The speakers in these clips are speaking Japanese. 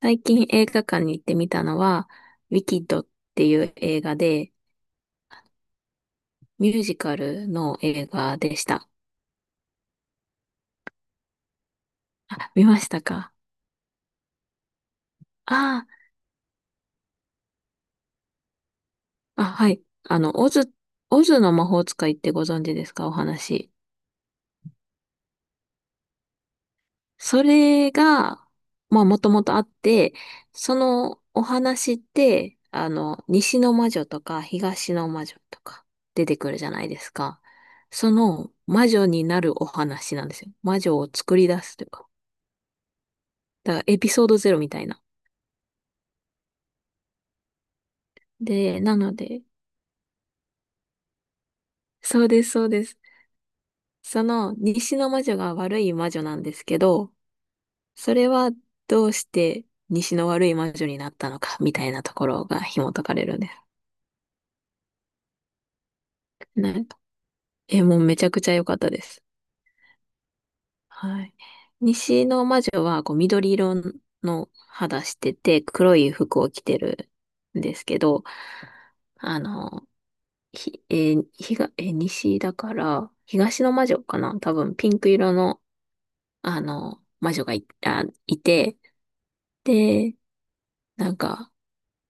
最近映画館に行ってみたのは、ウィキッドっていう映画で、ミュージカルの映画でした。あ、見ましたか？ああ、あ、はい。オズの魔法使いってご存知ですか？お話。それが、まあ、もともとあって、そのお話って、西の魔女とか東の魔女とか出てくるじゃないですか。その魔女になるお話なんですよ。魔女を作り出すというか。だからエピソードゼロみたいな。で、なので、そうです、そうです。その西の魔女が悪い魔女なんですけど、それはどうして西の悪い魔女になったのかみたいなところが紐解かれるんです。なんか、もうめちゃくちゃ良かったです。はい。西の魔女はこう緑色の肌してて黒い服を着てるんですけど、あの、ひ、えーひが、えー西だから、東の魔女かな多分ピンク色の魔女がい、あ、いて、で、なんか、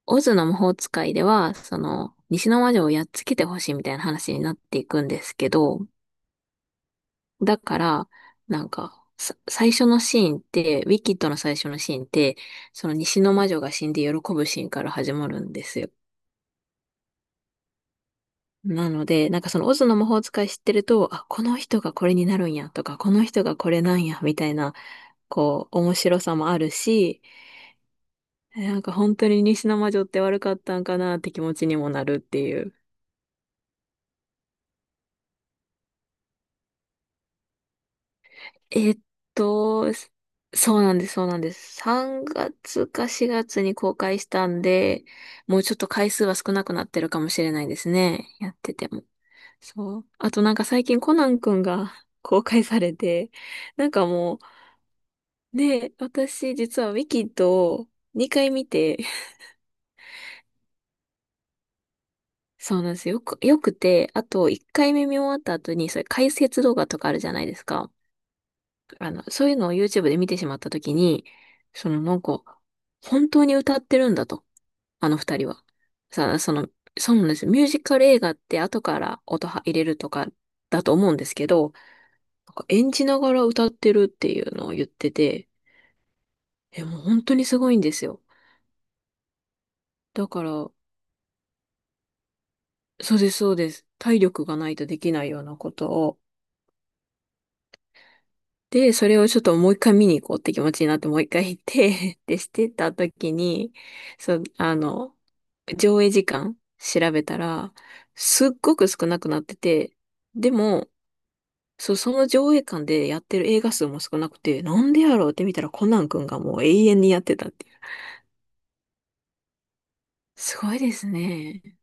オズの魔法使いでは、その、西の魔女をやっつけてほしいみたいな話になっていくんですけど、だから、なんか、最初のシーンって、ウィキッドの最初のシーンって、その西の魔女が死んで喜ぶシーンから始まるんですよ。なので、なんかそのオズの魔法使い知ってると、あ、この人がこれになるんやとか、この人がこれなんや、みたいな、こう、面白さもあるし、なんか本当に西の魔女って悪かったんかなって気持ちにもなるっていう。えっと、そうなんです、そうなんです。3月か4月に公開したんで、もうちょっと回数は少なくなってるかもしれないですね。やってても。そう。あとなんか最近コナンくんが 公開されて、なんかもう、ね、私実はウィキッドを2回見て、そうなんですよ。よくて、あと1回目見終わった後に、それ解説動画とかあるじゃないですか。そういうのを YouTube で見てしまったときに、なんか、本当に歌ってるんだと、あの二人は。さその、そうなんですよ。ミュージカル映画って後から音は入れるとかだと思うんですけど、なんか演じながら歌ってるっていうのを言ってて、もう本当にすごいんですよ。だから、そうです、そうです。体力がないとできないようなことをで、それをちょっともう一回見に行こうって気持ちになって、もう一回行って で、してた時に、そう、上映時間調べたら、すっごく少なくなってて、でも、そう、その上映館でやってる映画数も少なくて、なんでやろうって見たらコナン君がもう永遠にやってたっていう。すごいですね。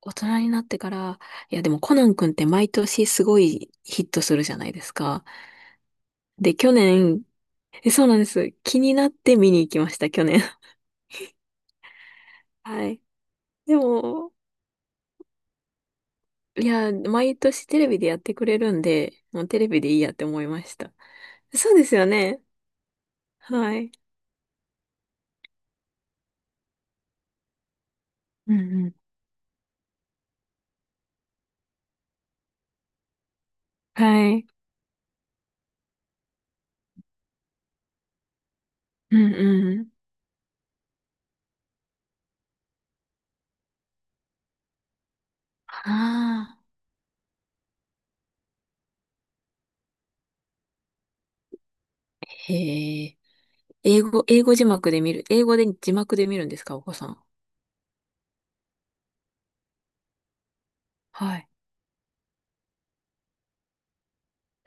大人になってから、いやでもコナン君って毎年すごいヒットするじゃないですか。で、去年、そうなんです。気になって見に行きました、去年。はい。でも、いや、毎年テレビでやってくれるんで、もうテレビでいいやって思いました。そうですよね。はい。うんうん。はい。うんうん。ああ、へえ。英語、英語字幕で見る。英語で字幕で見るんですか、お子さん？はい。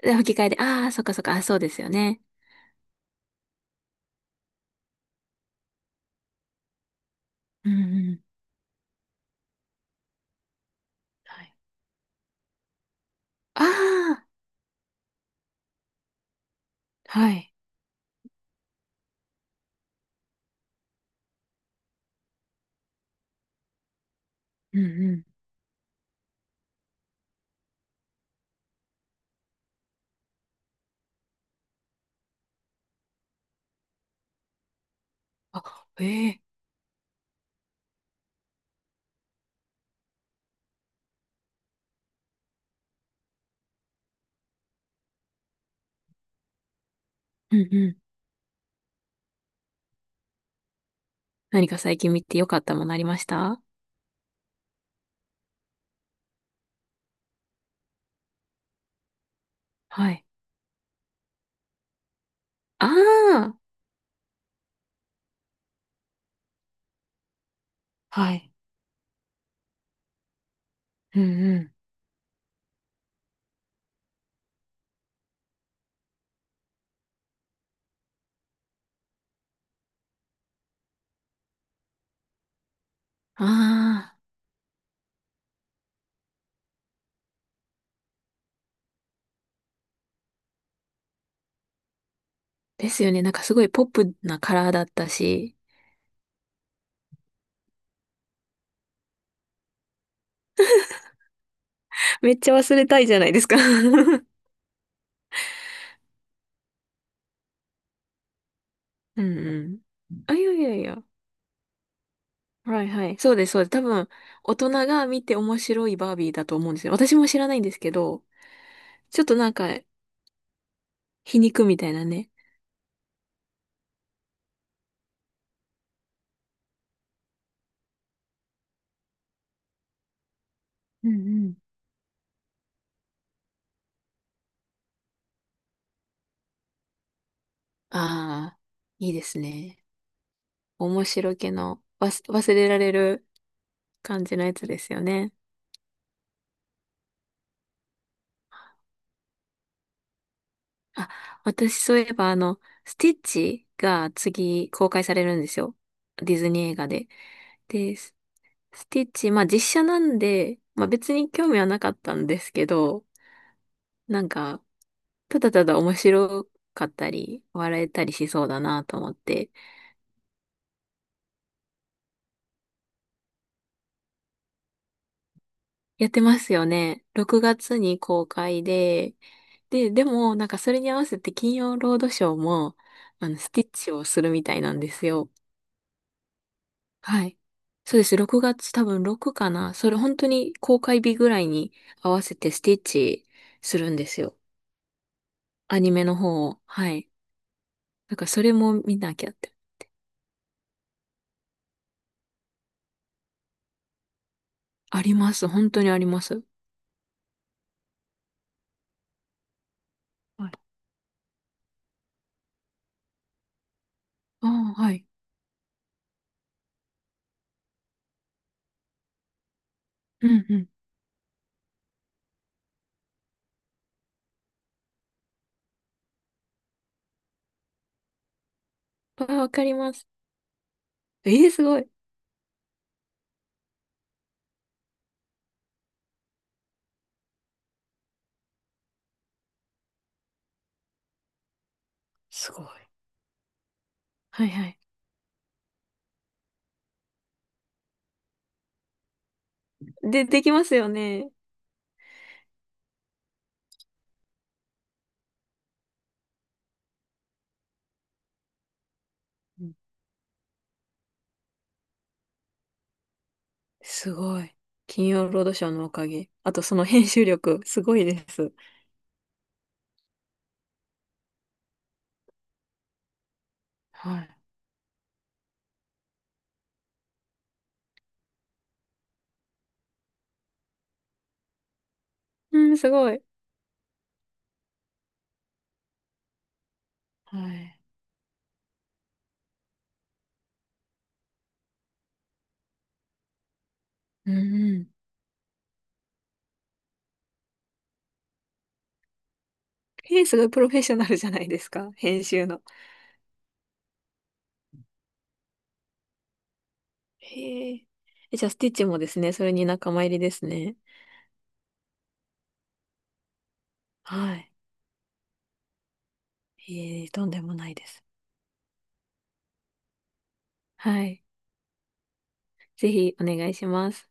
で、吹き替えで、ああ、そっかそっか、あ、そうですよね。うんうん。はい。ああ、はい。うんうん。あ、ええ。うんうん。何か最近見てよかったものありました？はい。ああ、はい。うんうん。ああ、ですよね。なんかすごいポップなカラーだったし、めっちゃ忘れたいじゃないですか うんうん。あ、いやいやいや。はいはい。そうです、そうです。多分、大人が見て面白いバービーだと思うんですよ。私も知らないんですけど、ちょっとなんか、皮肉みたいなね。うんうん。ああ、いいですね。面白気の、忘れられる感じのやつですよね。あ、私そういえばスティッチが次公開されるんですよ。ディズニー映画で。で、スティッチ、まあ実写なんで、まあ別に興味はなかったんですけど、なんか、ただただ面白かったり、笑えたりしそうだなと思って、やってますよね。6月に公開で、で、でもなんかそれに合わせて金曜ロードショーも、スティッチをするみたいなんですよ。はい。そうです。6月多分6かな。それ本当に公開日ぐらいに合わせてスティッチするんですよ。アニメの方を。はい。なんかそれも見なきゃって。あります。本当にあります。はいああ、はい。うんうん。ああ、わかります。ええすごい。すごい。はいはい。で、できますよね。うんすごい。金曜ロードショーのおかげ。あとその編集力、すごいです。はい。うん、すごい。はい。うんうん。えー、すごいプロフェッショナルじゃないですか。編集の。へえ。じゃあ、スティッチもですね、それに仲間入りですね。はい。えー、とんでもないです。はい。ぜひ、お願いします。